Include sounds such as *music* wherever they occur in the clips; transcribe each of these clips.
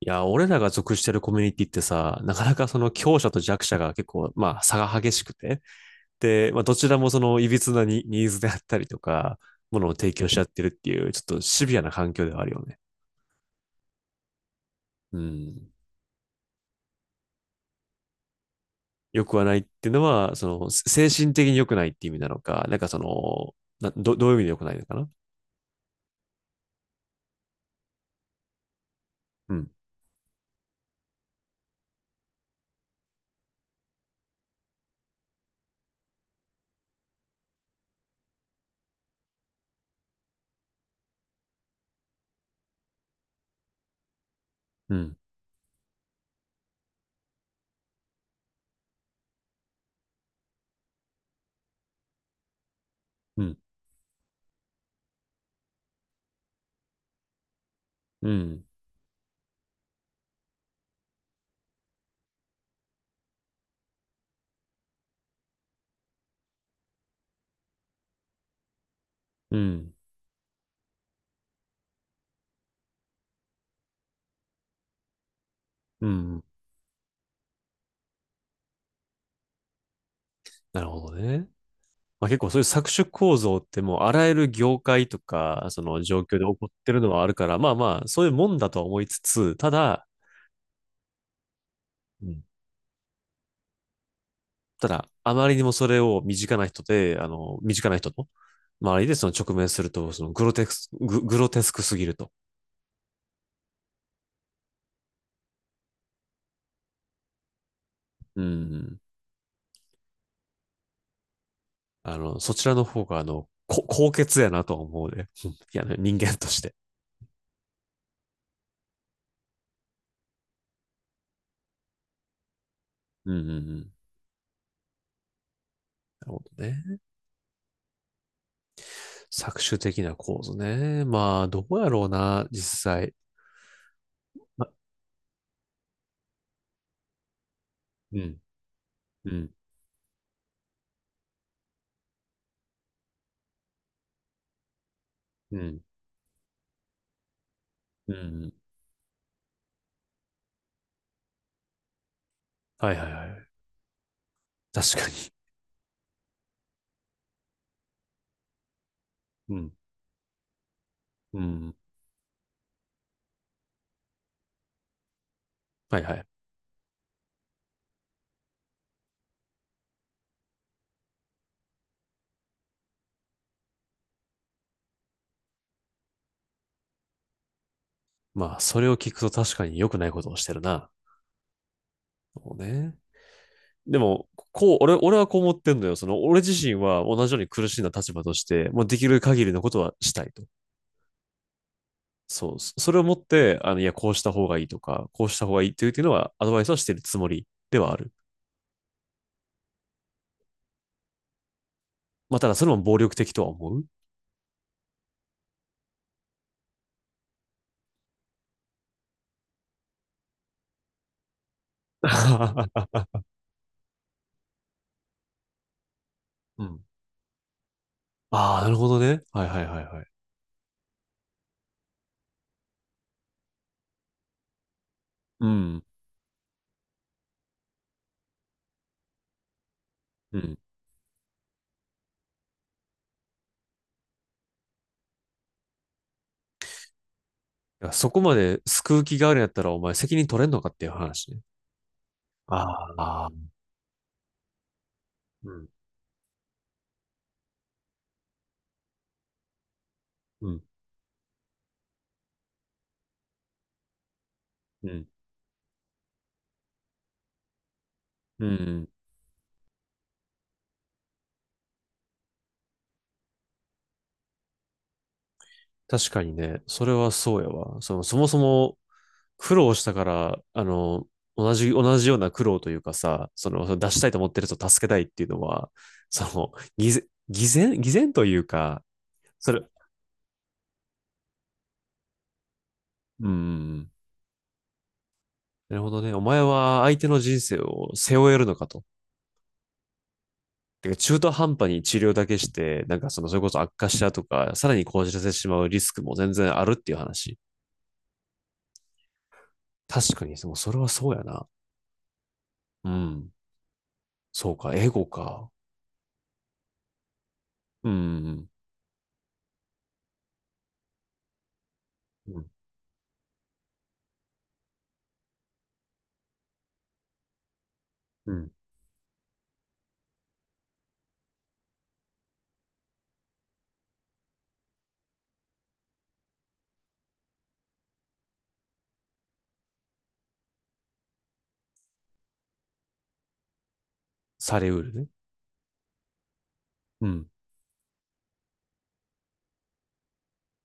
いや、俺らが属してるコミュニティってさ、なかなかその強者と弱者が結構、まあ差が激しくて、で、まあどちらもその歪なニニーズであったりとか、ものを提供し合ってるっていう、ちょっとシビアな環境ではあるよね。うん。良くはないっていうのは、その精神的に良くないって意味なのか、なんかその、どういう意味で良くないのかな。うん、うん、うん、うん、うん、うん。なるほどね。まあ、結構そういう搾取構造ってもうあらゆる業界とか、その状況で起こってるのはあるから、まあまあ、そういうもんだとは思いつつ、ただ、うん、ただ、あまりにもそれを身近な人と周りでその直面すると、そのグロテスクすぎると。うん。そちらの方が、高潔やなとは思うね。うん *laughs* いやね、人間として。うんうんうん。なるほどね。搾取的な構図ね。まあ、どうやろうな、実際。ま、うん、うん。うん。うん。はいはいはい。確かに。うん。うん。はいはい。まあ、それを聞くと確かに良くないことをしてるな。そうね。でも、こう、俺はこう思ってんのよ。その、俺自身は同じように苦しんだ立場として、もうできる限りのことはしたいと。そう。そそれをもって、あの、いや、こうした方がいいとか、こうした方がいいっていうのは、アドバイスはしてるつもりではある。まあ、ただ、それも暴力的とは思う。*laughs* うん。*laughs* ああ、なるほどね。はいはいはいはい。うん。うん。いやそこまで救う気があるんやったら、お前責任取れんのかっていう話ね。ああ、うん、うん、うん、うんうん。確かにね、それはそうやわ。その、そもそも苦労したから、あの、同じような苦労というかさ、その出したいと思ってる人を助けたいっていうのは、その、偽善というか、それ、うん、なるほどね。お前は相手の人生を背負えるのかと。てか中途半端に治療だけして、なんかその、それこそ悪化したとか、さらに講じらせてしまうリスクも全然あるっていう話。確かに、それはそうやな。うん。そうか、エゴか。うん。うん。うん。されうるね。うん。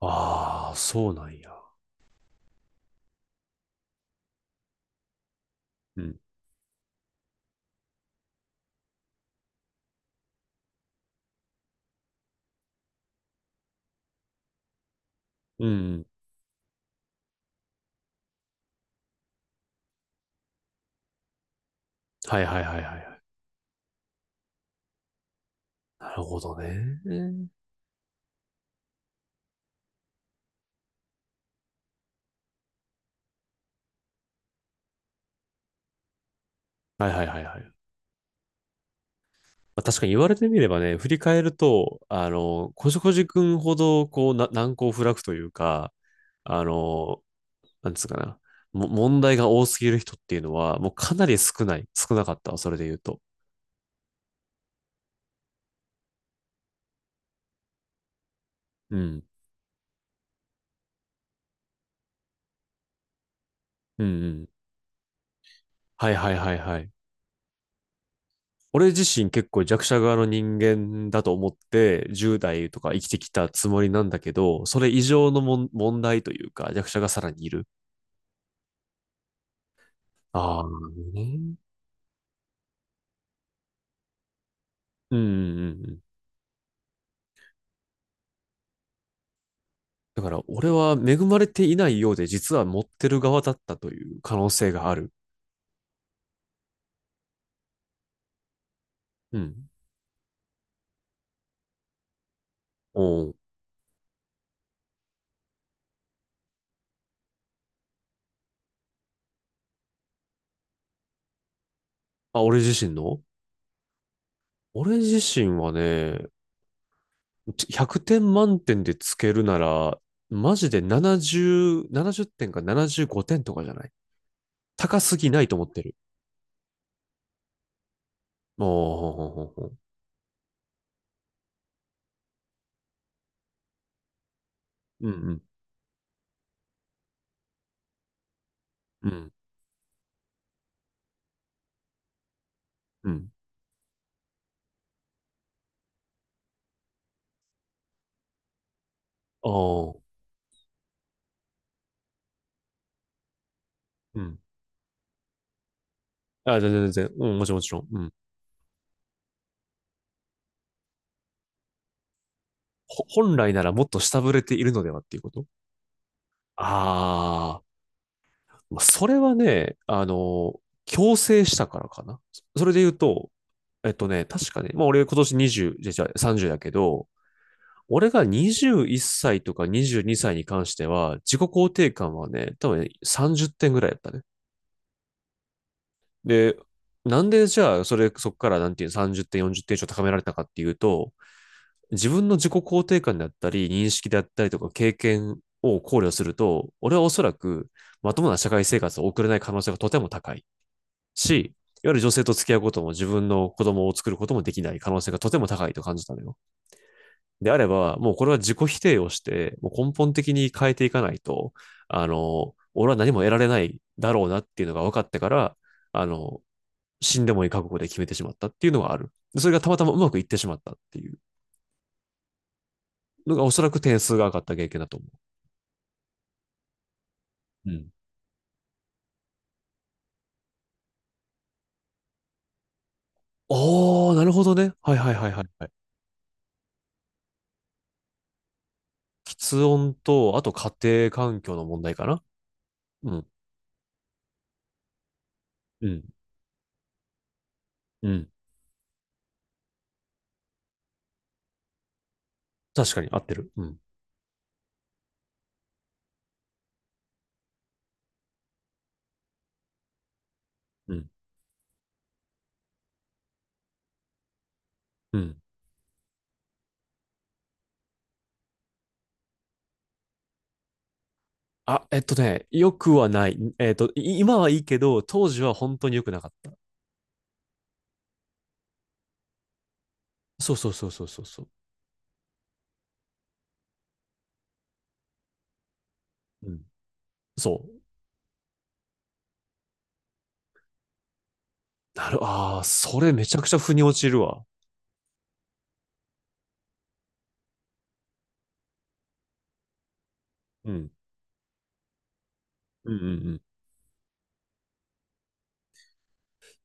ああ、そうなんや。うん。うん。はいはいはいはいはい。なるほどね。はいはいはいはい。まあ確かに言われてみればね、振り返ると、こじこじくんほど、こう、難攻不落というか、あの、なんつうかな、も、問題が多すぎる人っていうのは、もうかなり少なかったわ、それで言うと。うん。うんうん。はいはいはいはい。俺自身結構弱者側の人間だと思って、10代とか生きてきたつもりなんだけど、それ以上の問題というか、弱者がさらにいる。ああ、ね。うんうんうん。だから俺は恵まれていないようで実は持ってる側だったという可能性がある。うん。おう、あ、俺自身はね、100点満点でつけるなら、マジで70点か75点とかじゃない？高すぎないと思ってる。おー、うんうん、うん、うん。おー、うん。あ、全然全然。うん、もちろんもちろん。うん。本来ならもっと下振れているのではっていうこと。ああ。まあそれはね、強制したからかな。それで言うと、確かね、まあ俺今年20、じゃあさんじゃ30だけど、俺が21歳とか22歳にさいに関しては、自己肯定感はね、多分ね30点ぐらいだったね。で、なんでじゃあ、そこからなんていうの30点、40点以上高められたかっていうと、自分の自己肯定感だったり、認識だったりとか経験を考慮すると、俺はおそらくまともな社会生活を送れない可能性がとても高い。し、いわゆる女性と付き合うことも自分の子供を作ることもできない可能性がとても高いと感じたのよ。であれば、もうこれは自己否定をして、もう根本的に変えていかないと、俺は何も得られないだろうなっていうのが分かってから、あの、死んでもいい覚悟で決めてしまったっていうのがある。それがたまたまうまくいってしまったっていうのがおそらく点数が上がった経験だと思う。うん。おー、なるほどね。はいはいはいはい、はい。喫音と、あと家庭環境の問題かな。うん。うん。うん。確かに合ってる。うん。うん。うん。あ、良くはない。今はいいけど、当時は本当に良くなかった。そうそうそうそうそうそう。うん。そう。ああ、それめちゃくちゃ腑に落ちるわ。うん。うん。うんうん。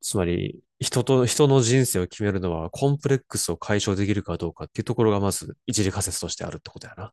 つまり、人の人生を決めるのは、コンプレックスを解消できるかどうかっていうところが、まず、一次仮説としてあるってことやな。